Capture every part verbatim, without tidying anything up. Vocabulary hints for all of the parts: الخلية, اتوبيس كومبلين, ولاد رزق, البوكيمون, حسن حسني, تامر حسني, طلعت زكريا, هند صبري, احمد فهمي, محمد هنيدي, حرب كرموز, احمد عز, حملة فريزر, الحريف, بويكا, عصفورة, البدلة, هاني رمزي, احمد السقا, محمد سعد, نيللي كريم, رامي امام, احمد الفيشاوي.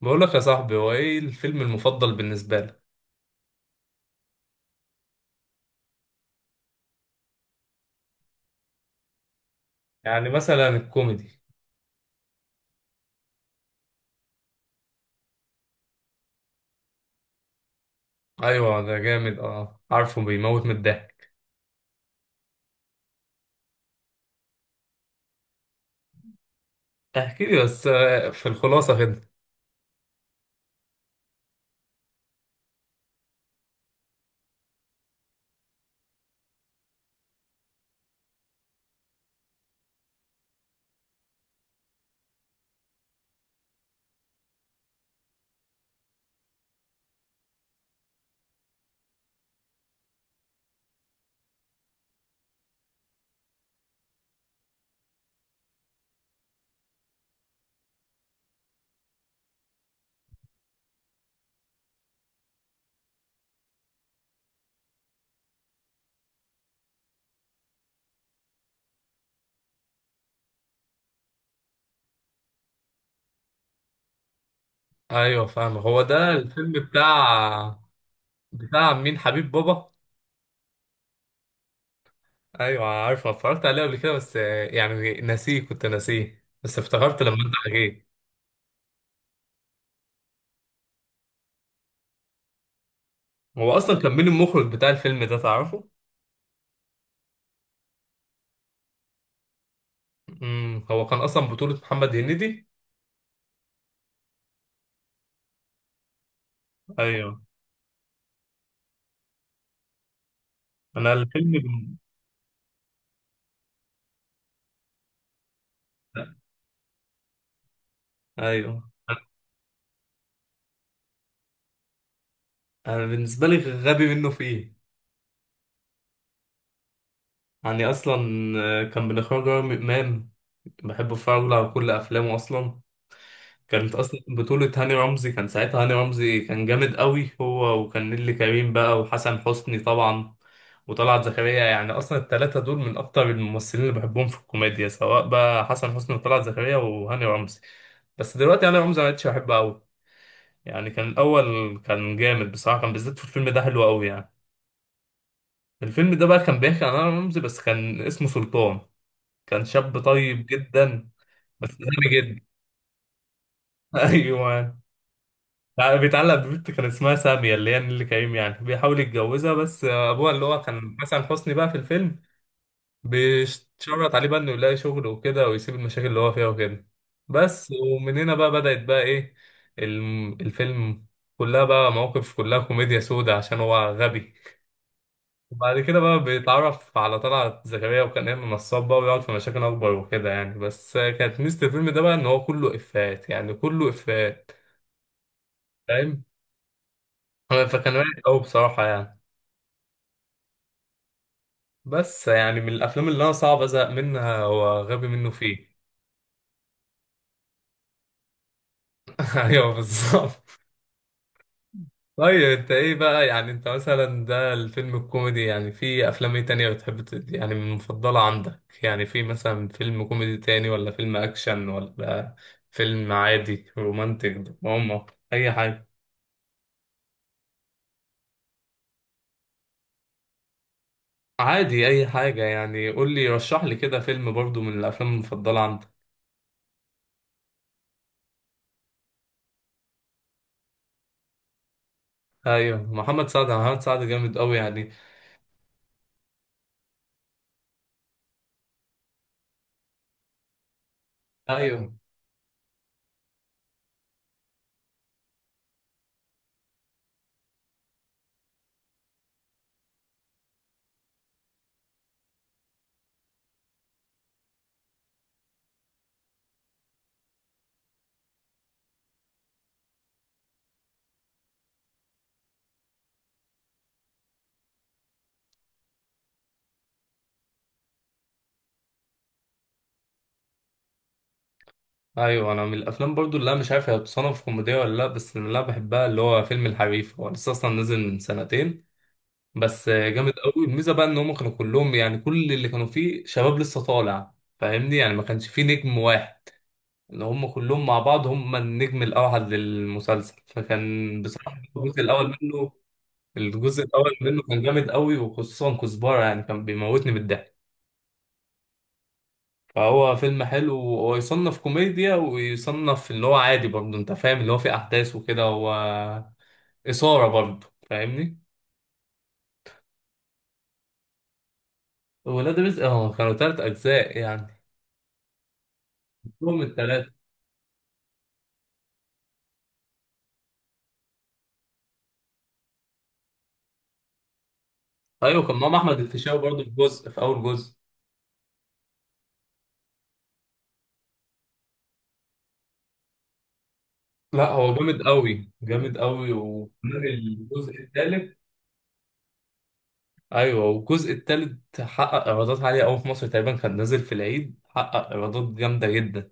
بقول لك يا صاحبي، هو ايه الفيلم المفضل بالنسبة لك؟ يعني مثلا الكوميدي. ايوه ده جامد، اه عارفه بيموت من الضحك. احكي لي بس، آه، في الخلاصة كده. ايوه فاهم، هو ده الفيلم بتاع بتاع مين، حبيب بابا؟ ايوه عارفه، اتفرجت عليه قبل كده، بس آه، يعني ناسيه كنت ناسيه، بس افتكرت لما انت حكيت. هو اصلا كان مين المخرج بتاع الفيلم ده، تعرفه؟ امم هو كان اصلا بطولة محمد هنيدي. ايوه، انا الفيلم بن- ايوه، انا بالنسبه لي غبي منه في ايه، يعني اصلا آه، كان من اخراج رامي امام. بحب اتفرج له على كل افلامه اصلا. كانت اصلا بطوله هاني رمزي، كان ساعتها هاني رمزي كان جامد قوي، هو وكان نيللي كريم بقى، وحسن حسني طبعا، وطلعت زكريا، يعني اصلا الثلاثه دول من اكتر الممثلين اللي بحبهم في الكوميديا، سواء بقى حسن حسني وطلعت زكريا وهاني رمزي. بس دلوقتي هاني رمزي ما بقتش بحبه قوي، يعني كان الاول كان جامد بصراحه، كان بالذات في الفيلم ده حلو قوي يعني. الفيلم ده بقى كان بيحكي عن انا رمزي، بس كان اسمه سلطان، كان شاب طيب جدا بس غبي جدا. ايوه. يعني بيتعلق ببنت كان اسمها سامية اللي هي نيللي كريم، يعني بيحاول يتجوزها، بس ابوها اللي هو كان حسن حسني بقى في الفيلم بيشرط عليه بقى انه يلاقي شغل وكده، ويسيب المشاكل اللي هو فيها وكده. بس ومن هنا بقى بدأت بقى ايه الم- الفيلم، كلها بقى مواقف، كلها كوميديا سودة عشان هو غبي. وبعد كده بقى بيتعرف على طلعت زكريا، وكان ايمن نصاب بقى، ويقعد في مشاكل اكبر وكده يعني، بس كانت ميزة الفيلم ده بقى ان هو كله افيهات، يعني كله افيهات، فاهم؟ فكان رايق قوي بصراحة يعني. بس يعني من الافلام اللي انا صعب ازهق منها هو غبي منه فيه. ايوه بالظبط. طيب انت ايه بقى؟ يعني انت مثلا ده الفيلم الكوميدي، يعني في افلام ايه تانية بتحب ت- يعني من المفضلة عندك؟ يعني في مثلا فيلم كوميدي تاني، ولا فيلم اكشن، ولا فيلم عادي، رومانتك دراما، اي حاجة. عادي اي حاجة يعني، قول لي رشح لي كده فيلم برضو من الافلام المفضلة عندك. ايوه محمد سعد، محمد سعد جامد قوي يعني. ايوه. ايوه انا من الافلام برضو اللي انا مش عارف هي بتصنف كوميديا ولا لا، بس اللي انا بحبها اللي هو فيلم الحريف، هو لسه اصلا نزل من سنتين بس جامد قوي. الميزه بقى ان هم كانوا كلهم، يعني كل اللي كانوا فيه شباب لسه طالع فاهمني، يعني ما كانش فيه نجم واحد، ان هم كلهم مع بعض هم النجم الاوحد للمسلسل، فكان بصراحه الجزء الاول منه الجزء الاول منه كان جامد قوي، وخصوصا كزبره، يعني كان بيموتني بالضحك. فهو فيلم حلو، وهو يصنف كوميديا ويصنف اللي هو عادي برضه، انت فاهم اللي هو فيه احداث وكده، هو اثاره برضه فاهمني. ولاد رزق، اه كانوا تلات اجزاء يعني، هم التلاتة. ايوه، كان ماما احمد الفيشاوي برضه في جزء في اول جزء. لا هو جامد قوي، جامد قوي، وكمان الجزء الثالث. ايوه والجزء الثالث حقق ايرادات عاليه قوي في مصر، تقريبا كان نازل في العيد حقق ايرادات جامده جدا.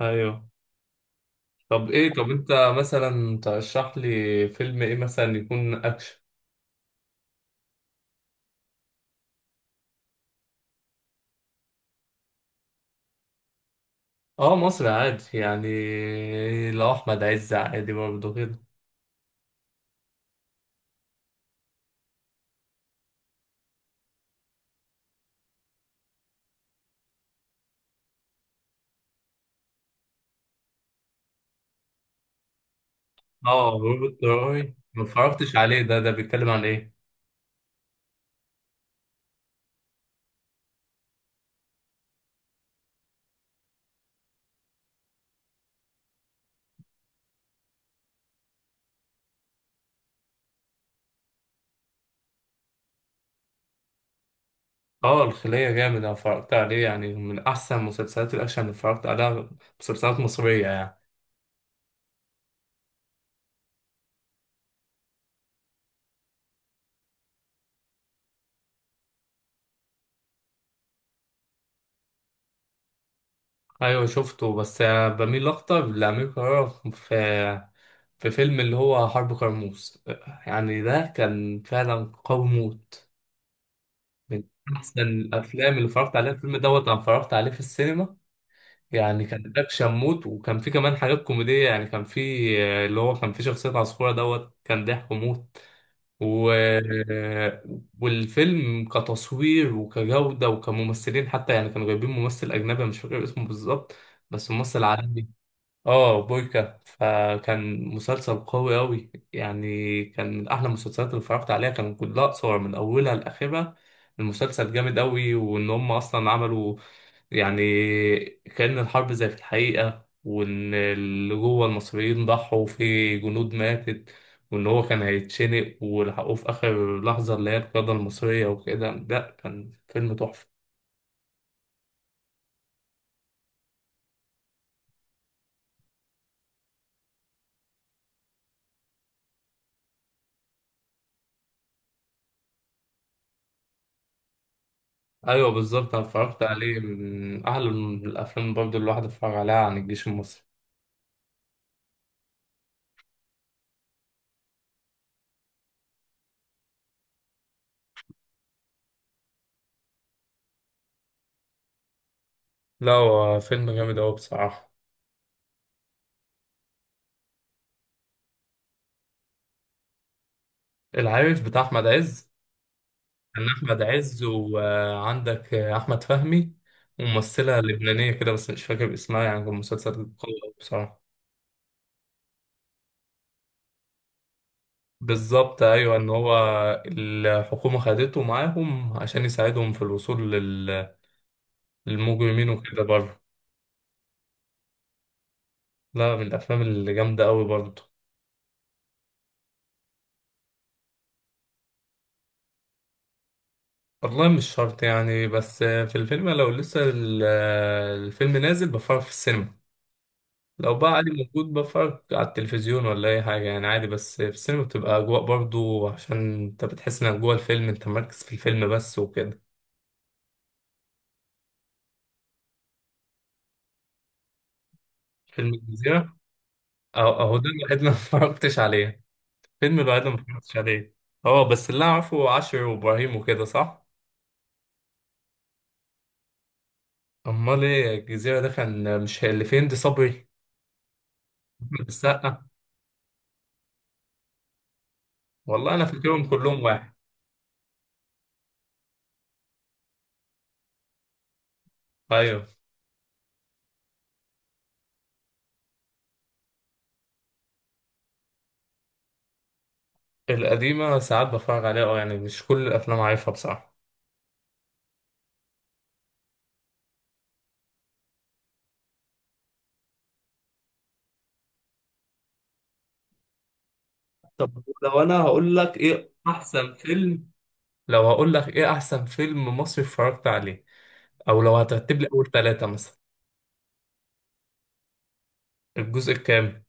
ايوه. طب ايه طب انت مثلا ترشح لي فيلم ايه مثلا يكون اكشن؟ اه مصر عادي يعني، لو احمد عز عادي برضه كده. اه روبوت طياري ما اتفرجتش عليه، ده ده بيتكلم عن ايه؟ اه الخلية جامد، انا اتفرجت عليه، يعني من احسن مسلسلات الاكشن اللي اتفرجت عليها، مسلسلات مصرية يعني. ايوه شفته، بس آه، بميل اكتر لأمير كرارة، في في فيلم اللي هو حرب كرموز، آه، يعني ده كان فعلا قوي موت، من احسن الافلام اللي اتفرجت عليها، الفيلم دوت انا اتفرجت عليه في السينما، يعني كان اكشن موت، وكان في كمان حاجات كوميدية، يعني كان في آه، اللي هو كان في شخصية عصفورة دوت كان ضحك موت. و... والفيلم كتصوير وكجودة وكممثلين حتى، يعني كانوا جايبين ممثل أجنبي، أنا مش فاكر اسمه بالظبط، بس ممثل عالمي. اه بويكا، فكان مسلسل قوي أوي يعني، كان من أحلى المسلسلات اللي اتفرجت عليها، كان كلها قصير من أولها لآخرها، المسلسل جامد أوي، وإن هم أصلا عملوا يعني كأن الحرب زي في الحقيقة، وإن اللي جوه المصريين ضحوا في جنود ماتت، وإن هو كان هيتشنق ولحقوه في آخر لحظة اللي هي القيادة المصرية وكده، لأ كان فيلم تحفة. أيوة بالظبط، أنا اتفرجت عليه، من أحلى الأفلام برضه اللي الواحد اتفرج عليها عن الجيش المصري. لا هو فيلم جامد أوي بصراحة. العارف بتاع أحمد عز، كان احمد عز وعندك احمد فهمي، وممثله لبنانيه كده بس مش فاكر اسمها، يعني كان مسلسل قوي أوي بصراحه. بالظبط ايوه، ان هو الحكومه خدته معاهم عشان يساعدهم في الوصول لل- للمجرمين وكده برضه. لا من الافلام اللي جامده قوي برضه. والله مش شرط يعني، بس في الفيلم لو لسه ال- الفيلم نازل بفرج في السينما، لو بقى عادي موجود بفرج على التلفزيون ولا اي حاجه يعني، عادي، بس في السينما بتبقى اجواء برضو عشان انت بتحس انك جوه الفيلم، انت مركز في الفيلم بس وكده. فيلم الجزيره، اهو أهو ده الوحيد اللي ما اتفرجتش عليه. فيلم الوحيد اللي ما اتفرجتش عليه. اه بس اللي أنا اعرفه عشر وابراهيم وكده، صح؟ امال ايه الجزيره ده؟ كان مش اللي في هند صبري احمد السقا؟ والله انا فاكرهم كلهم واحد. ايوه القديمه ساعات بتفرج عليها اه، يعني مش كل الافلام عارفها بصراحه. طب لو انا هقول لك ايه احسن فيلم، لو هقول لك ايه احسن فيلم مصري اتفرجت عليه، او لو هترتب لي اول ثلاثة مثلا؟ الجزء الكام؟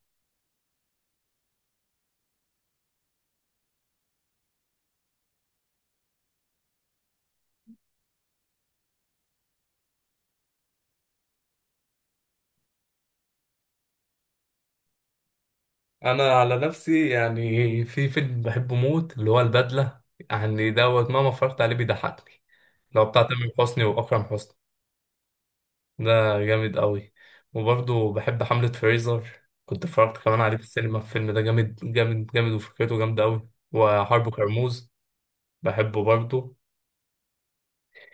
انا على نفسي يعني في فيلم بحبه موت اللي هو البدلة، يعني دوت مهما اتفرجت عليه بيضحكني، لو بتاع تامر حسني واكرم حسني، ده جامد قوي. وبرضه بحب حملة فريزر، كنت اتفرجت كمان عليه في السينما، الفيلم ده جامد جامد جامد، وفكرته جامدة قوي، وحرب كرموز بحبه برضه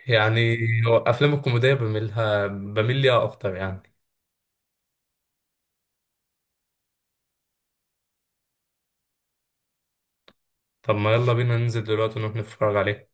يعني. هو افلام الكوميديا بميلها بميل ليها اكتر يعني. طب ما يلا بينا ننزل دلوقتي نروح نتفرج عليه.